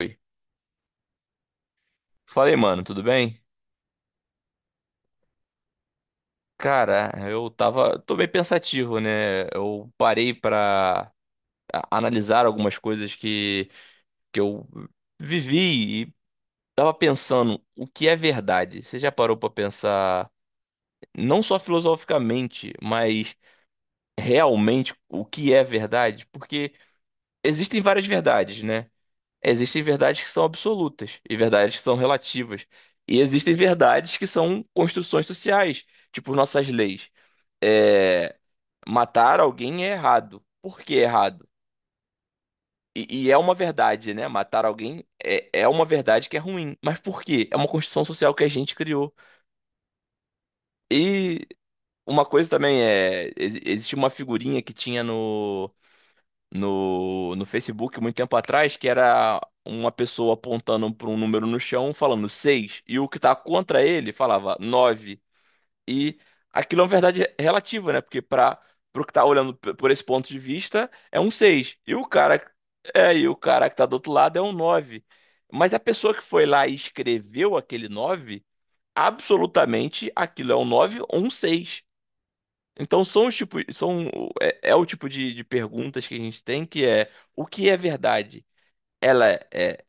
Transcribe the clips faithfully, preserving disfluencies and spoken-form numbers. Oi. Falei, mano, tudo bem? Cara, eu tava, tô bem pensativo, né? Eu parei pra a- analisar algumas coisas que, que eu vivi e tava pensando o que é verdade. Você já parou pra pensar, não só filosoficamente, mas realmente o que é verdade? Porque existem várias verdades, né? Existem verdades que são absolutas e verdades que são relativas. E existem verdades que são construções sociais, tipo nossas leis. é, Matar alguém é errado. Por que é errado? E, e é uma verdade, né? Matar alguém é, é uma verdade que é ruim. Mas por quê? É uma construção social que a gente criou. E uma coisa também é. exi- Existia uma figurinha que tinha no, no, no Facebook muito tempo atrás, que era uma pessoa apontando para um número no chão falando seis. E o que tá contra ele falava nove. E aquilo é uma verdade relativa, né? Porque para o que tá olhando p- por esse ponto de vista, é um seis. E o cara é, e o cara que tá do outro lado é um nove. Mas a pessoa que foi lá e escreveu aquele nove, absolutamente aquilo é um nove ou um seis? Então são os tipos, são é, é o tipo de, de perguntas que a gente tem, que é: o que é verdade? Ela é, é,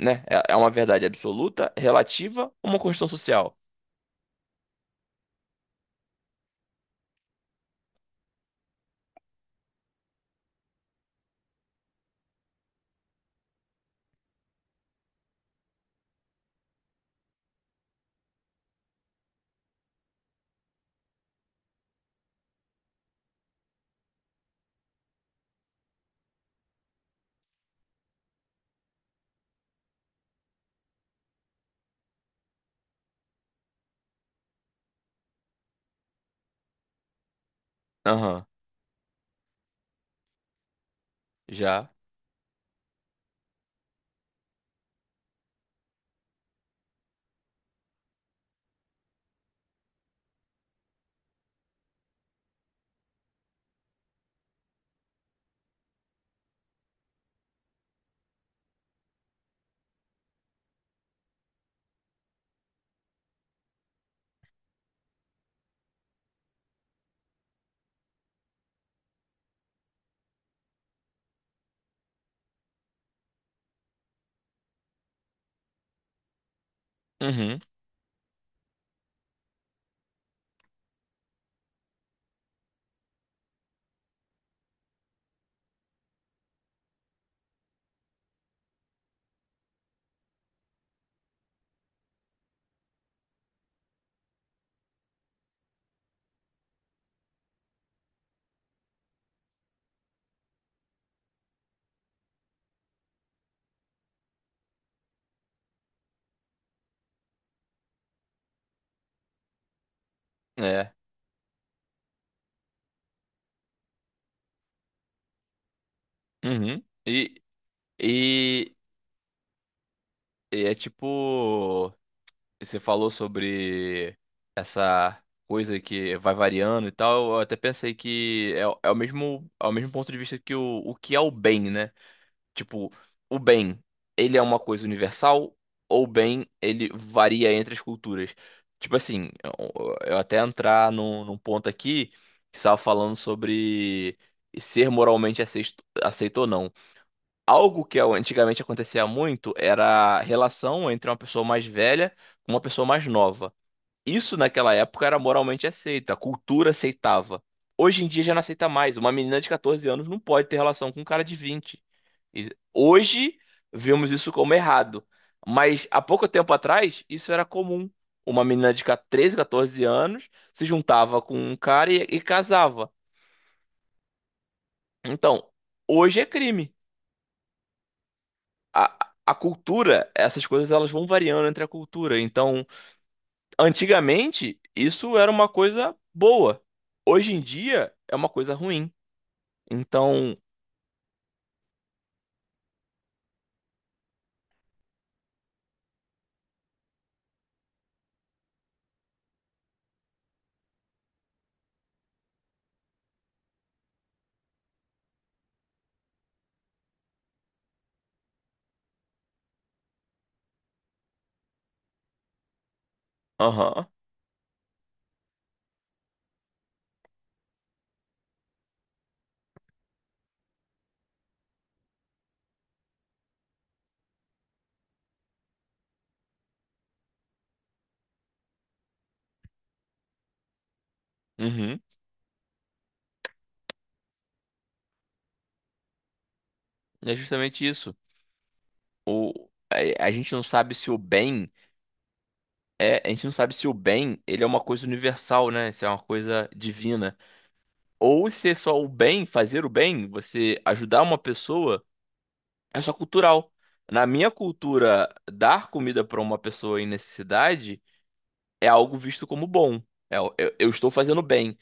né? É é uma verdade absoluta, relativa, ou uma construção social. Aham, já. Uhum, é. Uhum. E, e, e é tipo, você falou sobre essa coisa que vai variando e tal. Eu até pensei que é, o- é o mesmo, é o mesmo ponto de vista que o, o que é o bem, né? Tipo, o bem, ele é uma coisa universal, ou o bem, ele varia entre as culturas? Tipo assim, eu, eu até entrar num, num ponto aqui, que estava falando sobre ser moralmente aceito, aceito ou não. Algo que antigamente acontecia muito era a relação entre uma pessoa mais velha com uma pessoa mais nova. Isso naquela época era moralmente aceito, a cultura aceitava. Hoje em dia já não aceita mais. Uma menina de catorze anos não pode ter relação com um cara de vinte. E hoje vemos isso como errado. Mas há pouco tempo atrás, isso era comum. Uma menina de treze, catorze anos se juntava com um cara e, e casava. Então, hoje é crime. A, a cultura, essas coisas elas vão variando entre a cultura. Então, antigamente, isso era uma coisa boa. Hoje em dia, é uma coisa ruim. Então, aham, uhum, é justamente isso. O, a, a gente não sabe se o bem é, a gente não sabe se o bem, ele é uma coisa universal, né? Se é uma coisa divina. Ou se é só o bem, fazer o bem, você ajudar uma pessoa, é só cultural. Na minha cultura, dar comida para uma pessoa em necessidade é algo visto como bom. É, eu, eu estou fazendo bem.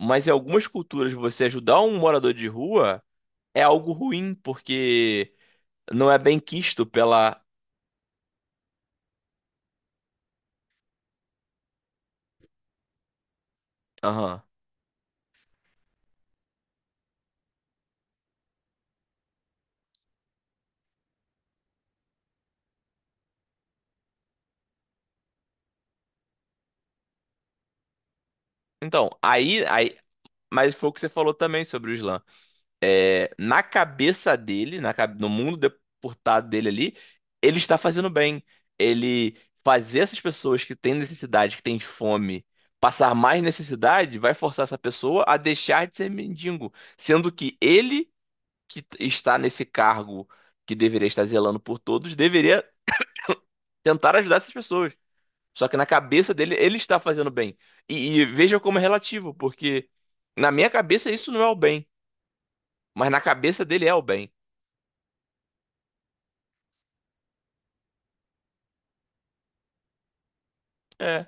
Mas em algumas culturas, você ajudar um morador de rua é algo ruim, porque não é bem quisto pela. Aham. Então, aí, aí. Mas foi o que você falou também sobre o Islã. É, na cabeça dele, na, cabe- no mundo deportado dele ali, ele está fazendo bem. Ele fazer essas pessoas que têm necessidade, que têm fome, passar mais necessidade, vai forçar essa pessoa a deixar de ser mendigo, sendo que ele, que está nesse cargo, que deveria estar zelando por todos, deveria tentar ajudar essas pessoas. Só que na cabeça dele, ele está fazendo bem. E, e veja como é relativo, porque na minha cabeça isso não é o bem, mas na cabeça dele é o bem. É.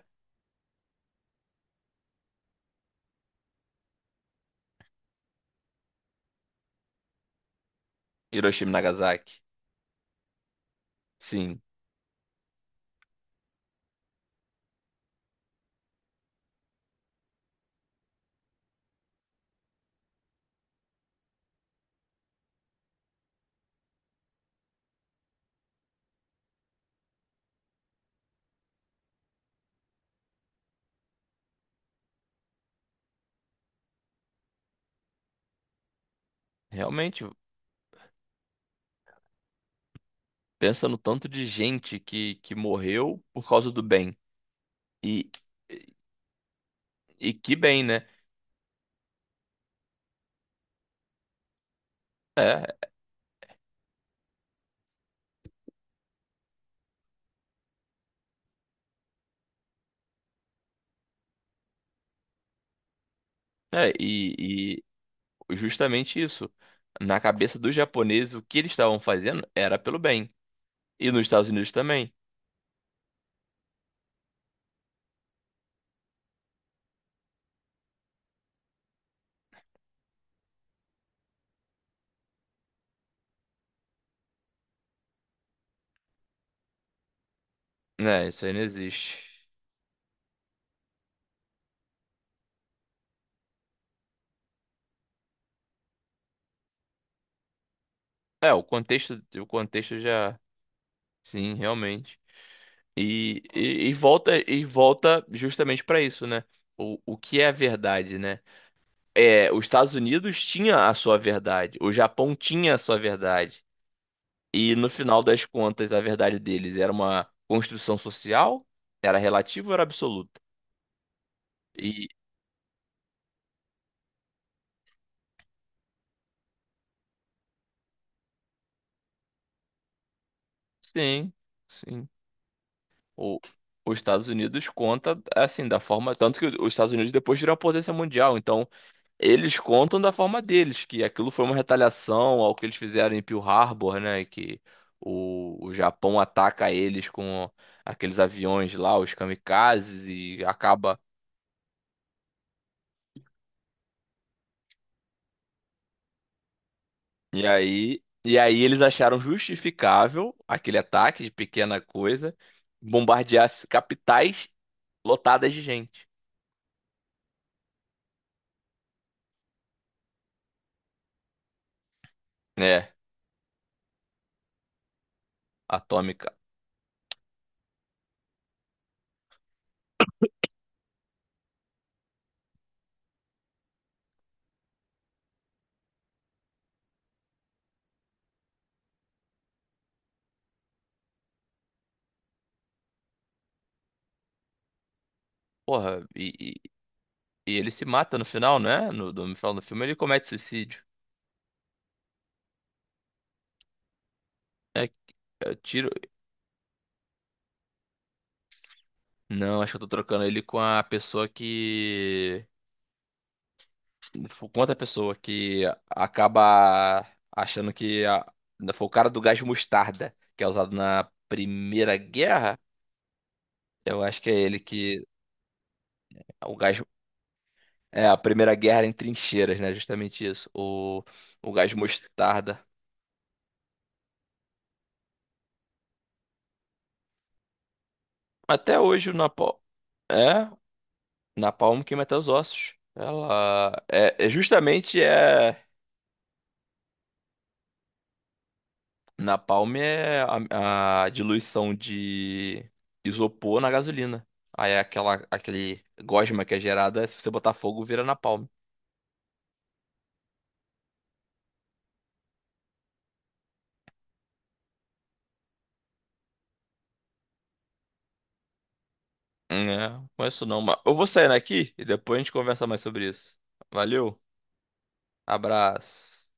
Hiroshima e Nagasaki. Sim, realmente, pensa no tanto de gente que, que morreu por causa do bem. E, e que bem, né? É, e, e justamente isso. Na cabeça dos japoneses, o que eles estavam fazendo era pelo bem. E nos Estados Unidos também. Né, isso aí não existe. É, o contexto, o contexto já, sim, realmente. E, e, e volta e volta justamente para isso, né? O, o que é a verdade, né? É, os Estados Unidos tinha a sua verdade, o Japão tinha a sua verdade. E no final das contas, a verdade deles era uma construção social, era relativa ou era absoluta? E sim, sim. O, os Estados Unidos conta assim, da forma. Tanto que os Estados Unidos depois viram a potência mundial. Então, eles contam da forma deles, que aquilo foi uma retaliação ao que eles fizeram em Pearl Harbor, né? Que o, o Japão ataca eles com aqueles aviões lá, os kamikazes, e acaba. E aí. E aí eles acharam justificável aquele ataque de pequena coisa, bombardear capitais lotadas de gente. É, atômica. Porra, e, E ele se mata no final, não é? No, no final do filme ele comete suicídio. É, é, tiro. Não, acho que eu tô trocando ele com a pessoa que. Com outra pessoa que acaba achando que a... foi o cara do gás mostarda, que é usado na Primeira Guerra. Eu acho que é ele que. O gás. É, a Primeira Guerra em trincheiras, né? Justamente isso. O, o gás mostarda. Até hoje o Napalm. É, Napalm queima até os ossos. Ela é, é justamente é Napalm é a, a diluição de isopor na gasolina. Aí é aquela, aquele gosma que é gerada, se você botar fogo, vira napalm. É, não conheço não, mas eu vou saindo aqui e depois a gente conversa mais sobre isso. Valeu, abraço.